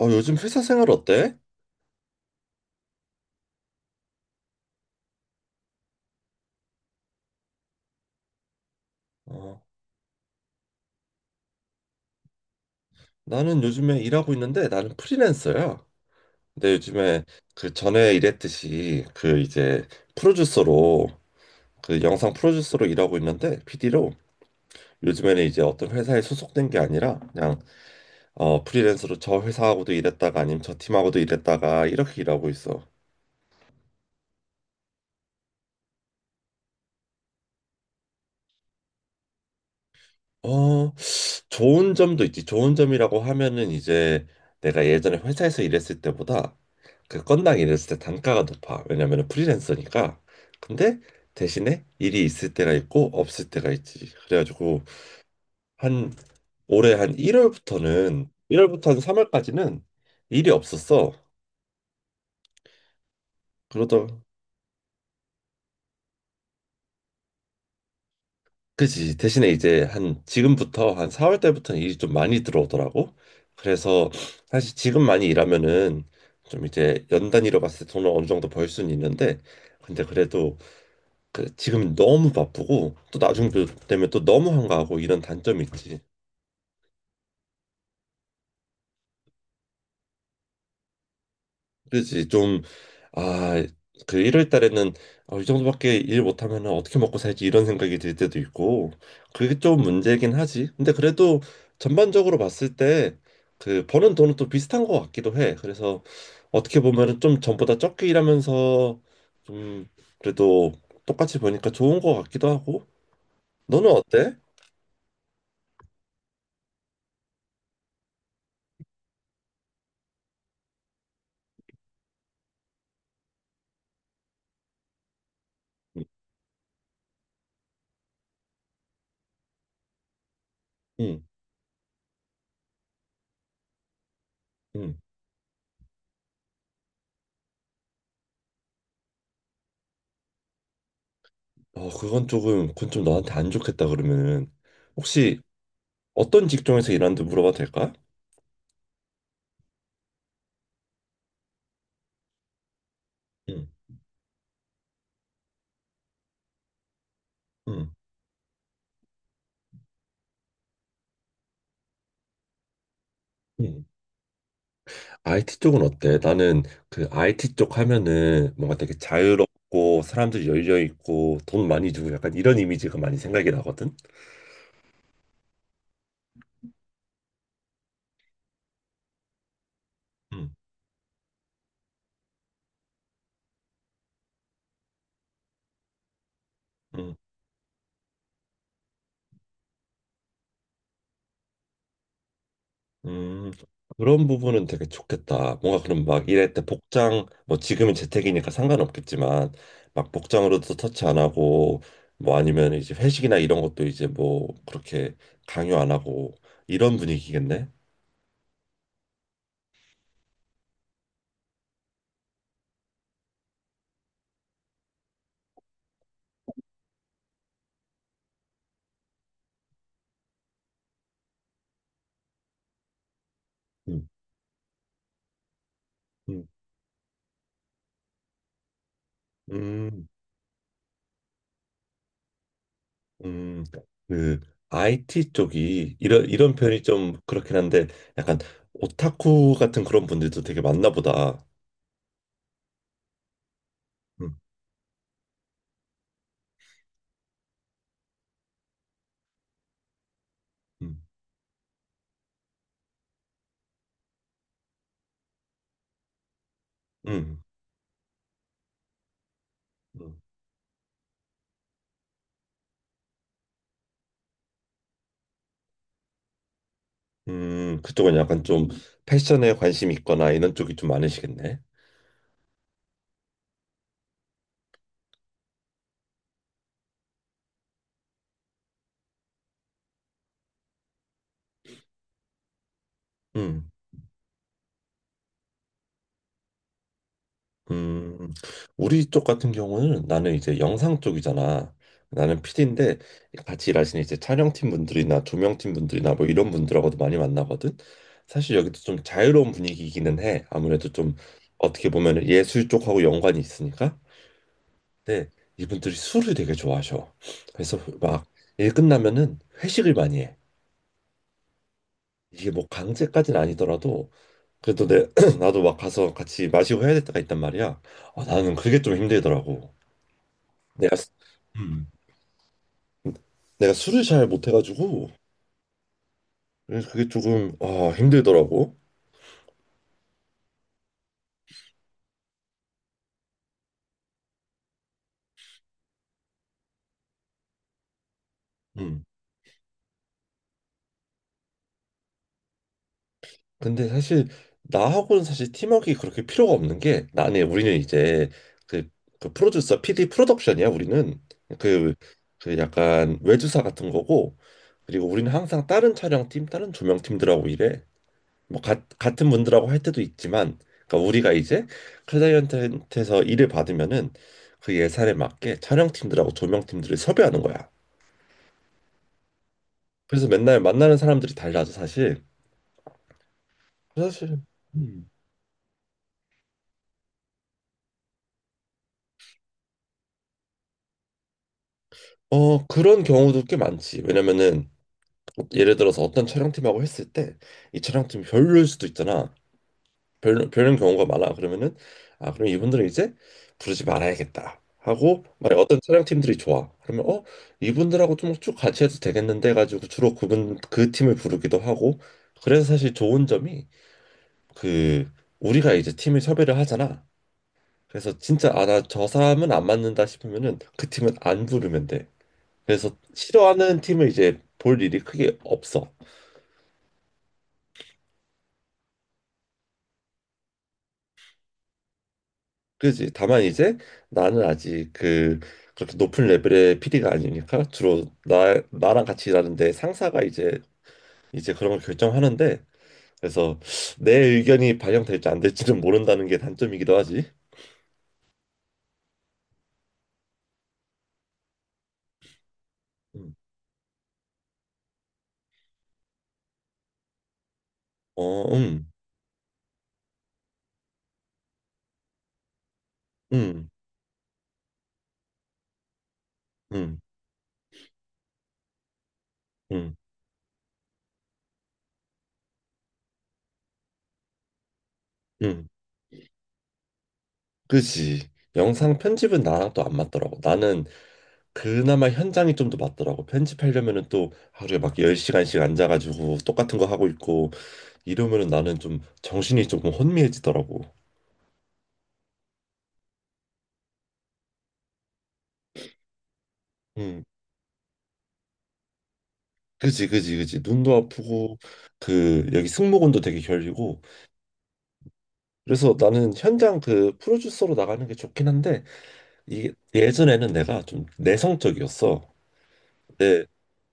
요즘 회사 생활 어때? 어, 나는 요즘에 일하고 있는데 나는 프리랜서야. 근데 요즘에 그 전에 일했듯이 그 이제 프로듀서로 그 영상 프로듀서로 일하고 있는데 PD로 요즘에는 이제 어떤 회사에 소속된 게 아니라 그냥 프리랜서로 저 회사하고도 일했다가 아니면 저 팀하고도 일했다가 이렇게 일하고 있어. 어, 좋은 점도 있지. 좋은 점이라고 하면은 이제 내가 예전에 회사에서 일했을 때보다 그 건당 일했을 때 단가가 높아. 왜냐면 프리랜서니까. 근데 대신에 일이 있을 때가 있고 없을 때가 있지. 그래가지고 한 올해 한 1월부터 한 3월까지는 일이 없었어. 그러다 그지 대신에 이제 한 지금부터 한 4월 때부터는 일이 좀 많이 들어오더라고. 그래서 사실 지금 많이 일하면은 좀 이제 연 단위로 봤을 때 돈을 어느 정도 벌 수는 있는데 근데 그래도 그 지금 너무 바쁘고 또 나중 되면 또 너무 한가하고 이런 단점이 있지. 그렇지 좀 아 그 1월 달에는 아, 이 정도밖에 일 못하면 어떻게 먹고 살지 이런 생각이 들 때도 있고 그게 좀 문제긴 하지. 근데 그래도 전반적으로 봤을 때 그 버는 돈은 또 비슷한 것 같기도 해. 그래서 어떻게 보면은 좀 전보다 적게 일하면서 좀 그래도 똑같이 보니까 좋은 것 같기도 하고 너는 어때? 응, 응. 그건 조금, 그건 좀 너한테 안 좋겠다 그러면은 혹시 어떤 직종에서 일하는지 물어봐도 될까? 응, 응, 응. IT 쪽은 어때? 나는 그 IT 쪽 하면은 뭔가 되게 자유롭고 사람들이 열려 있고 돈 많이 주고 약간 이런 이미지가 많이 생각이 나거든. 응. 음, 그런 부분은 되게 좋겠다. 뭔가 그럼 막 이럴 때 복장, 뭐 지금은 재택이니까 상관없겠지만, 막 복장으로도 터치 안 하고, 뭐 아니면 이제 회식이나 이런 것도 이제 뭐 그렇게 강요 안 하고, 이런 분위기겠네? 음, 음, 음, 음. 그 IT 쪽이 이런 표현이 좀 그렇긴 한데, 약간 오타쿠 같은 그런 분들도 되게 많나 보다. 음, 음, 음. 음. 그쪽은 약간 좀 패션에 관심 있거나 이런 쪽이 좀 많으시겠네. 음, 음, 우리 쪽 같은 경우는 나는 이제 영상 쪽이잖아. 나는 PD인데 같이 일하시는 이제 촬영팀 분들이나 조명팀 분들이나 뭐 이런 분들하고도 많이 만나거든. 사실 여기도 좀 자유로운 분위기이기는 해. 아무래도 좀 어떻게 보면 예술 쪽하고 연관이 있으니까. 근데 이분들이 술을 되게 좋아하셔. 그래서 막 일 끝나면은 회식을 많이 해. 이게 뭐 강제까지는 아니더라도 그래도 내 나도 막 가서 같이 마시고 해야 될 때가 있단 말이야. 아, 나는 그게 좀 힘들더라고. 내가 수- 음. 내가 술을 잘 못해가지고 그래서 그게 조금 아 힘들더라고. 음. 근데 사실 나하고는 사실 팀워크가 그렇게 필요가 없는 게 나는 우리는 이제 그, 그 프로듀서 PD 프로덕션이야 우리는 그, 그 약간 외주사 같은 거고 그리고 우리는 항상 다른 촬영팀 다른 조명팀들하고 일해. 뭐 같은 분들하고 할 때도 있지만 그러니까 우리가 이제 클라이언트한테서 일을 받으면은 그 예산에 맞게 촬영팀들하고 조명팀들을 섭외하는 거야. 그래서 맨날 만나는 사람들이 달라져 사실. 사실 음. 어 그런 경우도 꽤 많지. 왜냐면은 예를 들어서 어떤 촬영팀하고 했을 때 이 촬영팀이 별로일 수도 있잖아. 별로 별론 경우가 많아. 그러면은 아 그럼 이분들은 이제 부르지 말아야겠다 하고 만약 어떤 촬영팀들이 좋아 그러면 어 이분들하고 좀 쭉 같이 해도 되겠는데 가지고 주로 그분 그 팀을 부르기도 하고 그래서 사실 좋은 점이 그 우리가 이제 팀을 섭외를 하잖아. 그래서 진짜 아 나 저 사람은 안 맞는다 싶으면은 그 팀은 안 부르면 돼. 그래서 싫어하는 팀을 이제 볼 일이 크게 없어. 그지. 다만 이제 나는 아직 그 그렇게 높은 레벨의 PD가 아니니까 주로 나 나랑 같이 일하는데 상사가 이제 그런 걸 결정하는데 그래서 내 의견이 반영될지 안 될지는 모른다는 게 단점이기도 하지. 음. 어, 음, 음, 음, 음. 그지. 영상 편집은 나랑 또 안 맞더라고. 나는 그나마 현장이 좀 더 맞더라고. 편집하려면은 또 하루에 막 10시간씩 앉아가지고 똑같은 거 하고 있고 이러면은 나는 좀 정신이 조금 혼미해지더라고. 음, 그지, 그지, 그지. 눈도 아프고 그 여기 승모근도 되게 결리고. 그래서 나는 현장 그 프로듀서로 나가는 게 좋긴 한데 이게 예전에는 내가 좀 내성적이었어. 근데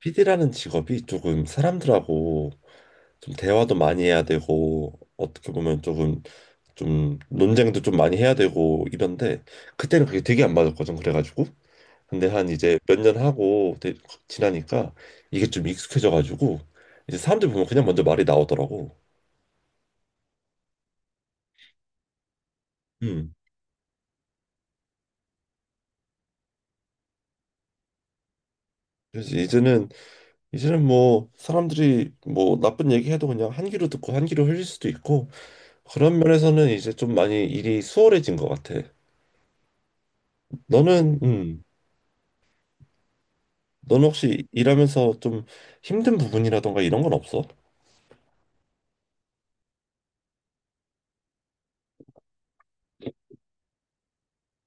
p 라는 직업이 조금 사람들하고 좀 대화도 많이 해야 되고 어떻게 보면 조금 좀 논쟁도 좀 많이 해야 되고 이런데 그때는 그게 되게 안 맞았거든. 그래가지고. 근데 한 이제 몇 년 하고 지나니까 이게 좀 익숙해져가지고 이제 사람들 보면 그냥 먼저 말이 나오더라고. 음. 그래서 이제는 뭐 사람들이 뭐 나쁜 얘기해도 그냥 한 귀로 듣고 한 귀로 흘릴 수도 있고 그런 면에서는 이제 좀 많이 일이 수월해진 것 같아. 너는 음 너는 혹시 일하면서 좀 힘든 부분이라던가 이런 건 없어?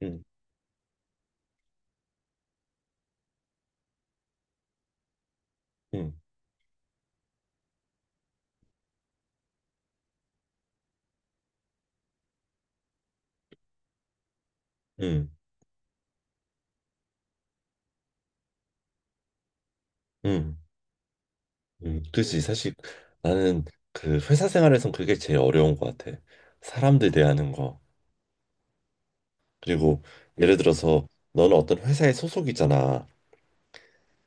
응응응응 그치. 사실 나는 그 회사 생활에선 그게 제일 어려운 것 같아. 사람들 대하는 거. 그리고 예를 들어서 너는 어떤 회사에 소속이잖아.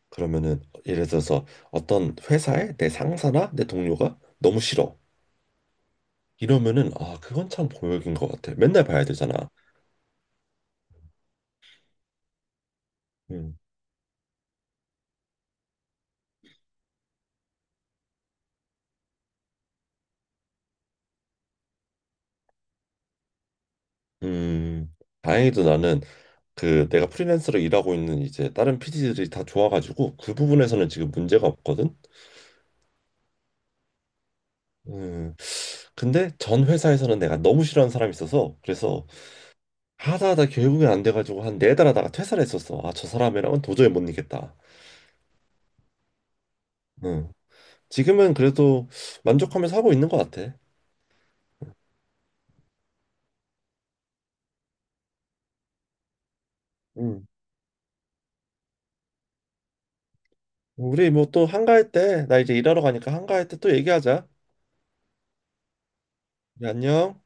그러면은 예를 들어서 어떤 회사에 내 상사나 내 동료가 너무 싫어. 이러면은 아, 그건 참 고역인 것 같아. 맨날 봐야 되잖아. 음, 음, 다행히도 나는 그 내가 프리랜서로 일하고 있는 이제 다른 PD들이 다 좋아가지고 그 부분에서는 지금 문제가 없거든. 음, 근데 전 회사에서는 내가 너무 싫어하는 사람이 있어서 그래서 하다 하다 결국엔 안 돼가지고 한 네 달 하다가 퇴사를 했었어. 아, 저 사람이랑은 도저히 못 이겠다. 응. 지금은 그래도 만족하면서 하고 있는 것 같아. 응. 우리 뭐 또 한가할 때, 나 이제 일하러 가니까 한가할 때 또 얘기하자. 그래, 안녕.